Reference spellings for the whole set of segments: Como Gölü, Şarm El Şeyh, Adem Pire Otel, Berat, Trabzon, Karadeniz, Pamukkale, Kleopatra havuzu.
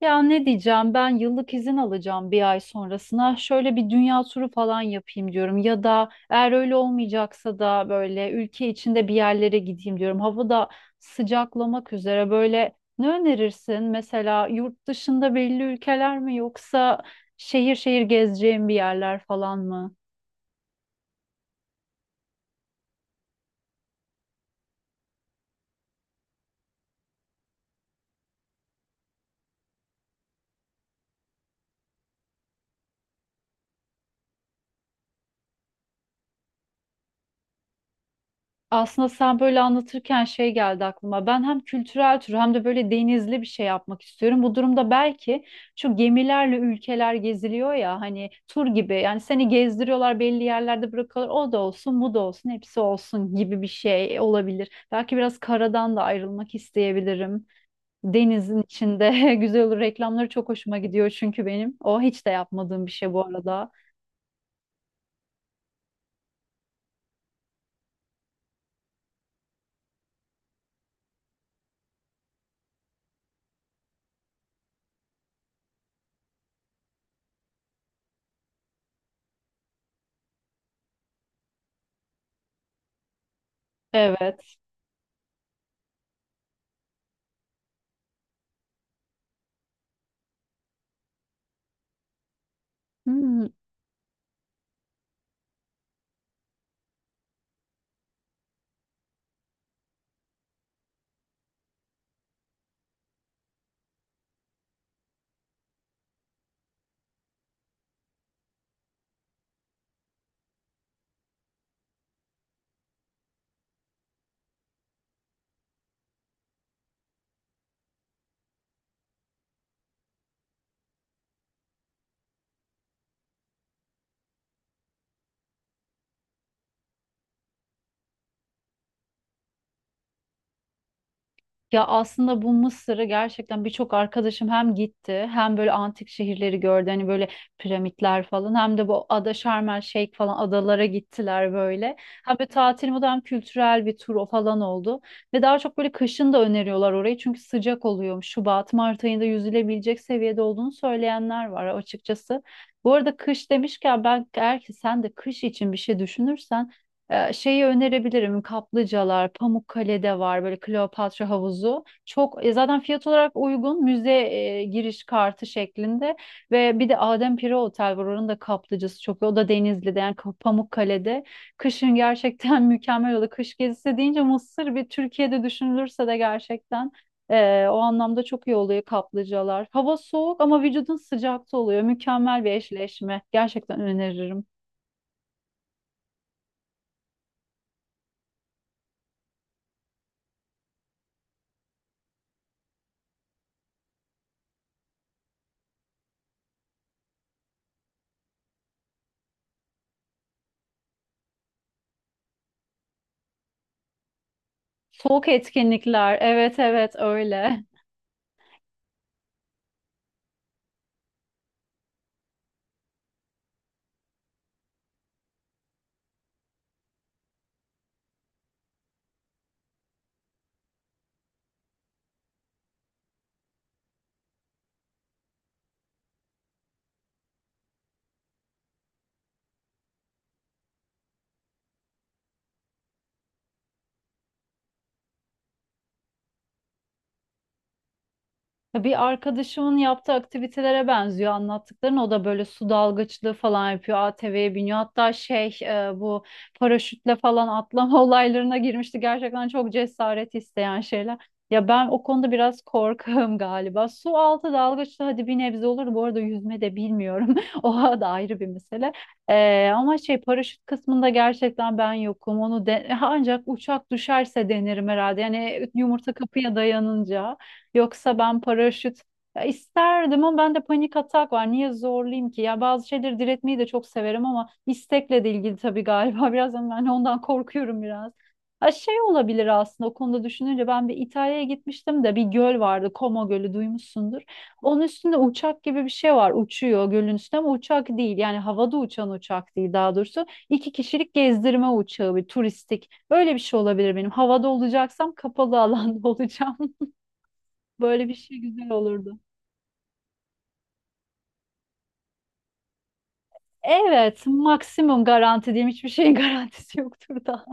Ya ne diyeceğim ben yıllık izin alacağım bir ay sonrasına şöyle bir dünya turu falan yapayım diyorum ya da eğer öyle olmayacaksa da böyle ülke içinde bir yerlere gideyim diyorum. Hava da sıcaklamak üzere böyle ne önerirsin mesela yurt dışında belli ülkeler mi yoksa şehir şehir gezeceğim bir yerler falan mı? Aslında sen böyle anlatırken şey geldi aklıma. Ben hem kültürel tur hem de böyle denizli bir şey yapmak istiyorum. Bu durumda belki şu gemilerle ülkeler geziliyor ya hani tur gibi. Yani seni gezdiriyorlar belli yerlerde bırakıyorlar. O da olsun, bu da olsun, hepsi olsun gibi bir şey olabilir. Belki biraz karadan da ayrılmak isteyebilirim. Denizin içinde güzel olur. Reklamları çok hoşuma gidiyor çünkü benim. O hiç de yapmadığım bir şey bu arada. Evet. Hmm. Ya aslında bu Mısır'ı gerçekten birçok arkadaşım hem gitti hem böyle antik şehirleri gördü hani böyle piramitler falan hem de bu ada Şarm El Şeyh falan adalara gittiler böyle. Hem bir tatil modu hem kültürel bir tur falan oldu. Ve daha çok böyle kışın da öneriyorlar orayı çünkü sıcak oluyormuş. Şubat, Mart ayında yüzülebilecek seviyede olduğunu söyleyenler var açıkçası. Bu arada kış demişken ben eğer ki sen de kış için bir şey düşünürsen şeyi önerebilirim. Kaplıcalar, Pamukkale'de var böyle Kleopatra havuzu. Çok zaten fiyat olarak uygun müze giriş kartı şeklinde ve bir de Adem Pire Otel var. Oranın da kaplıcası çok iyi. O da Denizli'de yani Pamukkale'de. Kışın gerçekten mükemmel oldu. Kış gezisi deyince Mısır bir Türkiye'de düşünülürse de gerçekten o anlamda çok iyi oluyor kaplıcalar. Hava soğuk ama vücudun sıcakta oluyor. Mükemmel bir eşleşme. Gerçekten öneririm. Soğuk etkinlikler. Evet, evet, öyle. Ya bir arkadaşımın yaptığı aktivitelere benziyor anlattıkların. O da böyle su dalgıçlığı falan yapıyor. ATV'ye biniyor. Hatta şey bu paraşütle falan atlama olaylarına girmişti. Gerçekten çok cesaret isteyen şeyler. Ya ben o konuda biraz korkağım galiba. Su altı dalgıçlığı hadi bir nebze olur. Bu arada yüzme de bilmiyorum. O da ayrı bir mesele. Ama şey paraşüt kısmında gerçekten ben yokum. Onu ancak uçak düşerse denerim herhalde. Yani yumurta kapıya dayanınca. Yoksa ben paraşüt ya isterdim ama ben de panik atak var. Niye zorlayayım ki? Ya bazı şeyleri diretmeyi de çok severim ama istekle de ilgili tabii galiba. Biraz ama ben ondan korkuyorum biraz. Ha şey olabilir aslında o konuda düşününce ben bir İtalya'ya gitmiştim de bir göl vardı. Como Gölü duymuşsundur. Onun üstünde uçak gibi bir şey var. Uçuyor gölün üstünde ama uçak değil. Yani havada uçan uçak değil daha doğrusu. İki kişilik gezdirme uçağı bir turistik. Öyle bir şey olabilir benim. Havada olacaksam kapalı alanda olacağım. Böyle bir şey güzel olurdu. Evet, maksimum garanti diyeyim. Hiçbir şeyin garantisi yoktur da.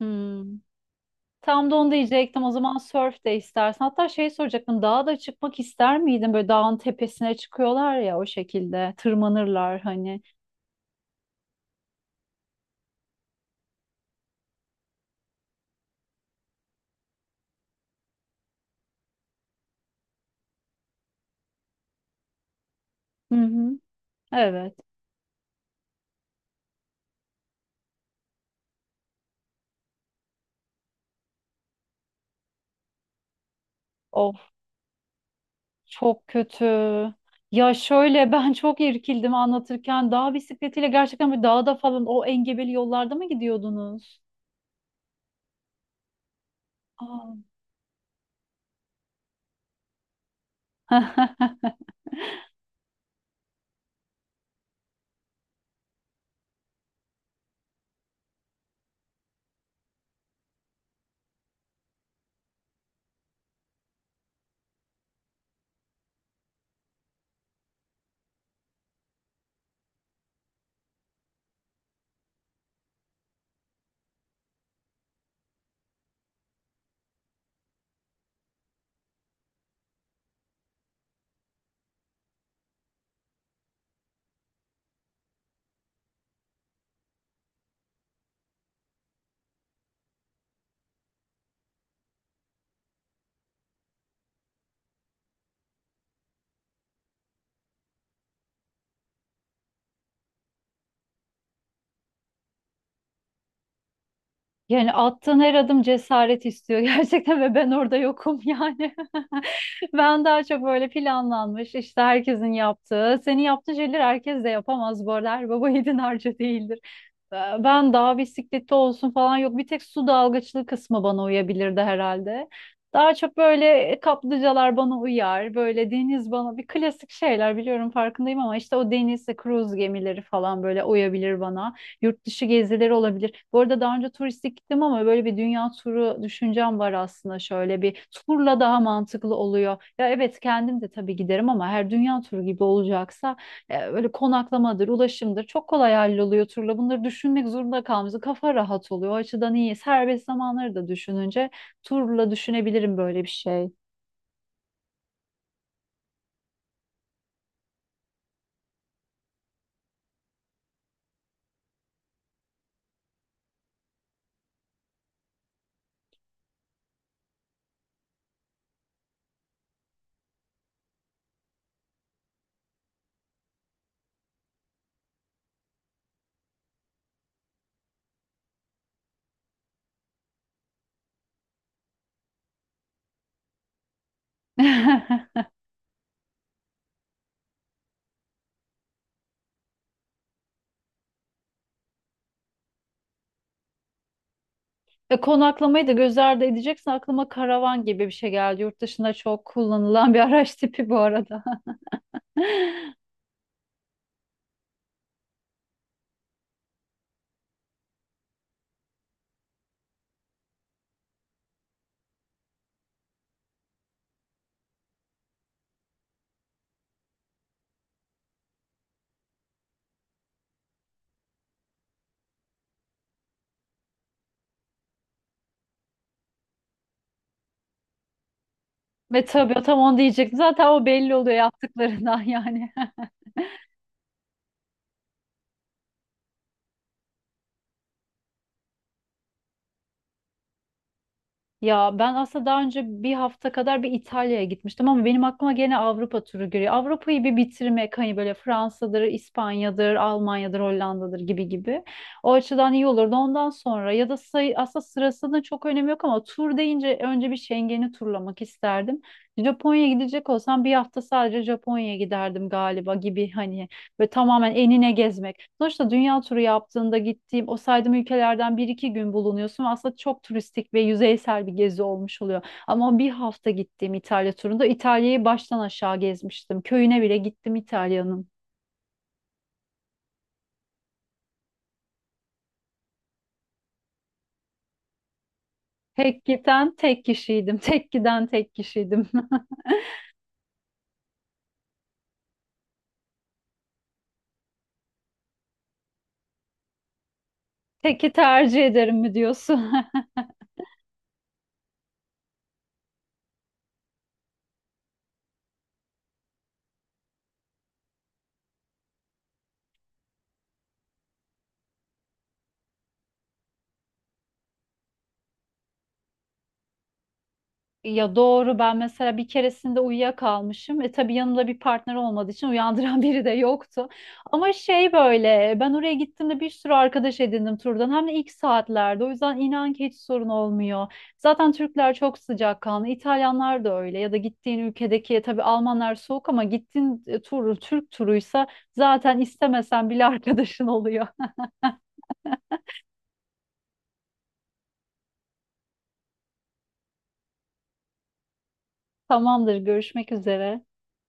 Hmm. Tam da onu diyecektim. O zaman surf de istersen. Hatta şey soracaktım. Dağa da çıkmak ister miydin? Böyle dağın tepesine çıkıyorlar ya o şekilde. Tırmanırlar hani. Hı hı. Evet. Of, çok kötü. Ya şöyle ben çok irkildim anlatırken. Dağ bisikletiyle gerçekten bir dağda falan o engebeli yollarda mı gidiyordunuz? Aa. Yani attığın her adım cesaret istiyor gerçekten ve ben orada yokum yani. Ben daha çok böyle planlanmış işte herkesin yaptığı, senin yaptığın şeyleri herkes de yapamaz bu arada. Her baba yiğidin harcı değildir. Ee, Ben dağ bisikleti olsun falan yok. Bir tek su dalgıçlığı kısmı bana uyabilirdi herhalde. Daha çok böyle kaplıcalar bana uyar. Böyle deniz bana bir klasik şeyler biliyorum farkındayım ama işte o denizde kruz gemileri falan böyle uyabilir bana. Yurt dışı gezileri olabilir. Bu arada daha önce turistik gittim ama böyle bir dünya turu düşüncem var aslında şöyle bir turla daha mantıklı oluyor. Ya evet kendim de tabii giderim ama her dünya turu gibi olacaksa böyle konaklamadır, ulaşımdır çok kolay halloluyor turla. Bunları düşünmek zorunda kalmıyoruz. Kafa rahat oluyor. O açıdan iyi. Serbest zamanları da düşününce turla düşünebilirim böyle bir şey. Konaklamayı da göz ardı edeceksin. Aklıma karavan gibi bir şey geldi. Yurt dışında çok kullanılan bir araç tipi bu arada. Ve tabii tam onu diyecektim. Zaten o belli oluyor yaptıklarından yani. Ya ben aslında daha önce bir hafta kadar bir İtalya'ya gitmiştim ama benim aklıma gene Avrupa turu geliyor. Avrupa'yı bir bitirmek hani böyle Fransa'dır, İspanya'dır, Almanya'dır, Hollanda'dır gibi gibi. O açıdan iyi olurdu. Ondan sonra ya da sayı, aslında sırasında çok önemi yok ama tur deyince önce bir Schengen'i turlamak isterdim. Japonya'ya gidecek olsam bir hafta sadece Japonya'ya giderdim galiba gibi hani ve tamamen enine gezmek. Sonuçta dünya turu yaptığında gittiğim o saydığım ülkelerden bir iki gün bulunuyorsun ve aslında çok turistik ve yüzeysel bir gezi olmuş oluyor. Ama bir hafta gittiğim İtalya turunda İtalya'yı baştan aşağı gezmiştim. Köyüne bile gittim İtalya'nın. Tek giden tek kişiydim. Tek giden tek kişiydim. Teki tercih ederim mi diyorsun? Ya doğru ben mesela bir keresinde uyuyakalmışım. Tabii yanımda bir partner olmadığı için uyandıran biri de yoktu. Ama şey böyle ben oraya gittiğimde bir sürü arkadaş edindim turdan. Hem de ilk saatlerde. O yüzden inan ki hiç sorun olmuyor. Zaten Türkler çok sıcakkanlı. İtalyanlar da öyle. Ya da gittiğin ülkedeki tabii Almanlar soğuk ama gittiğin tur Türk turuysa zaten istemesen bile arkadaşın oluyor. Tamamdır, görüşmek üzere.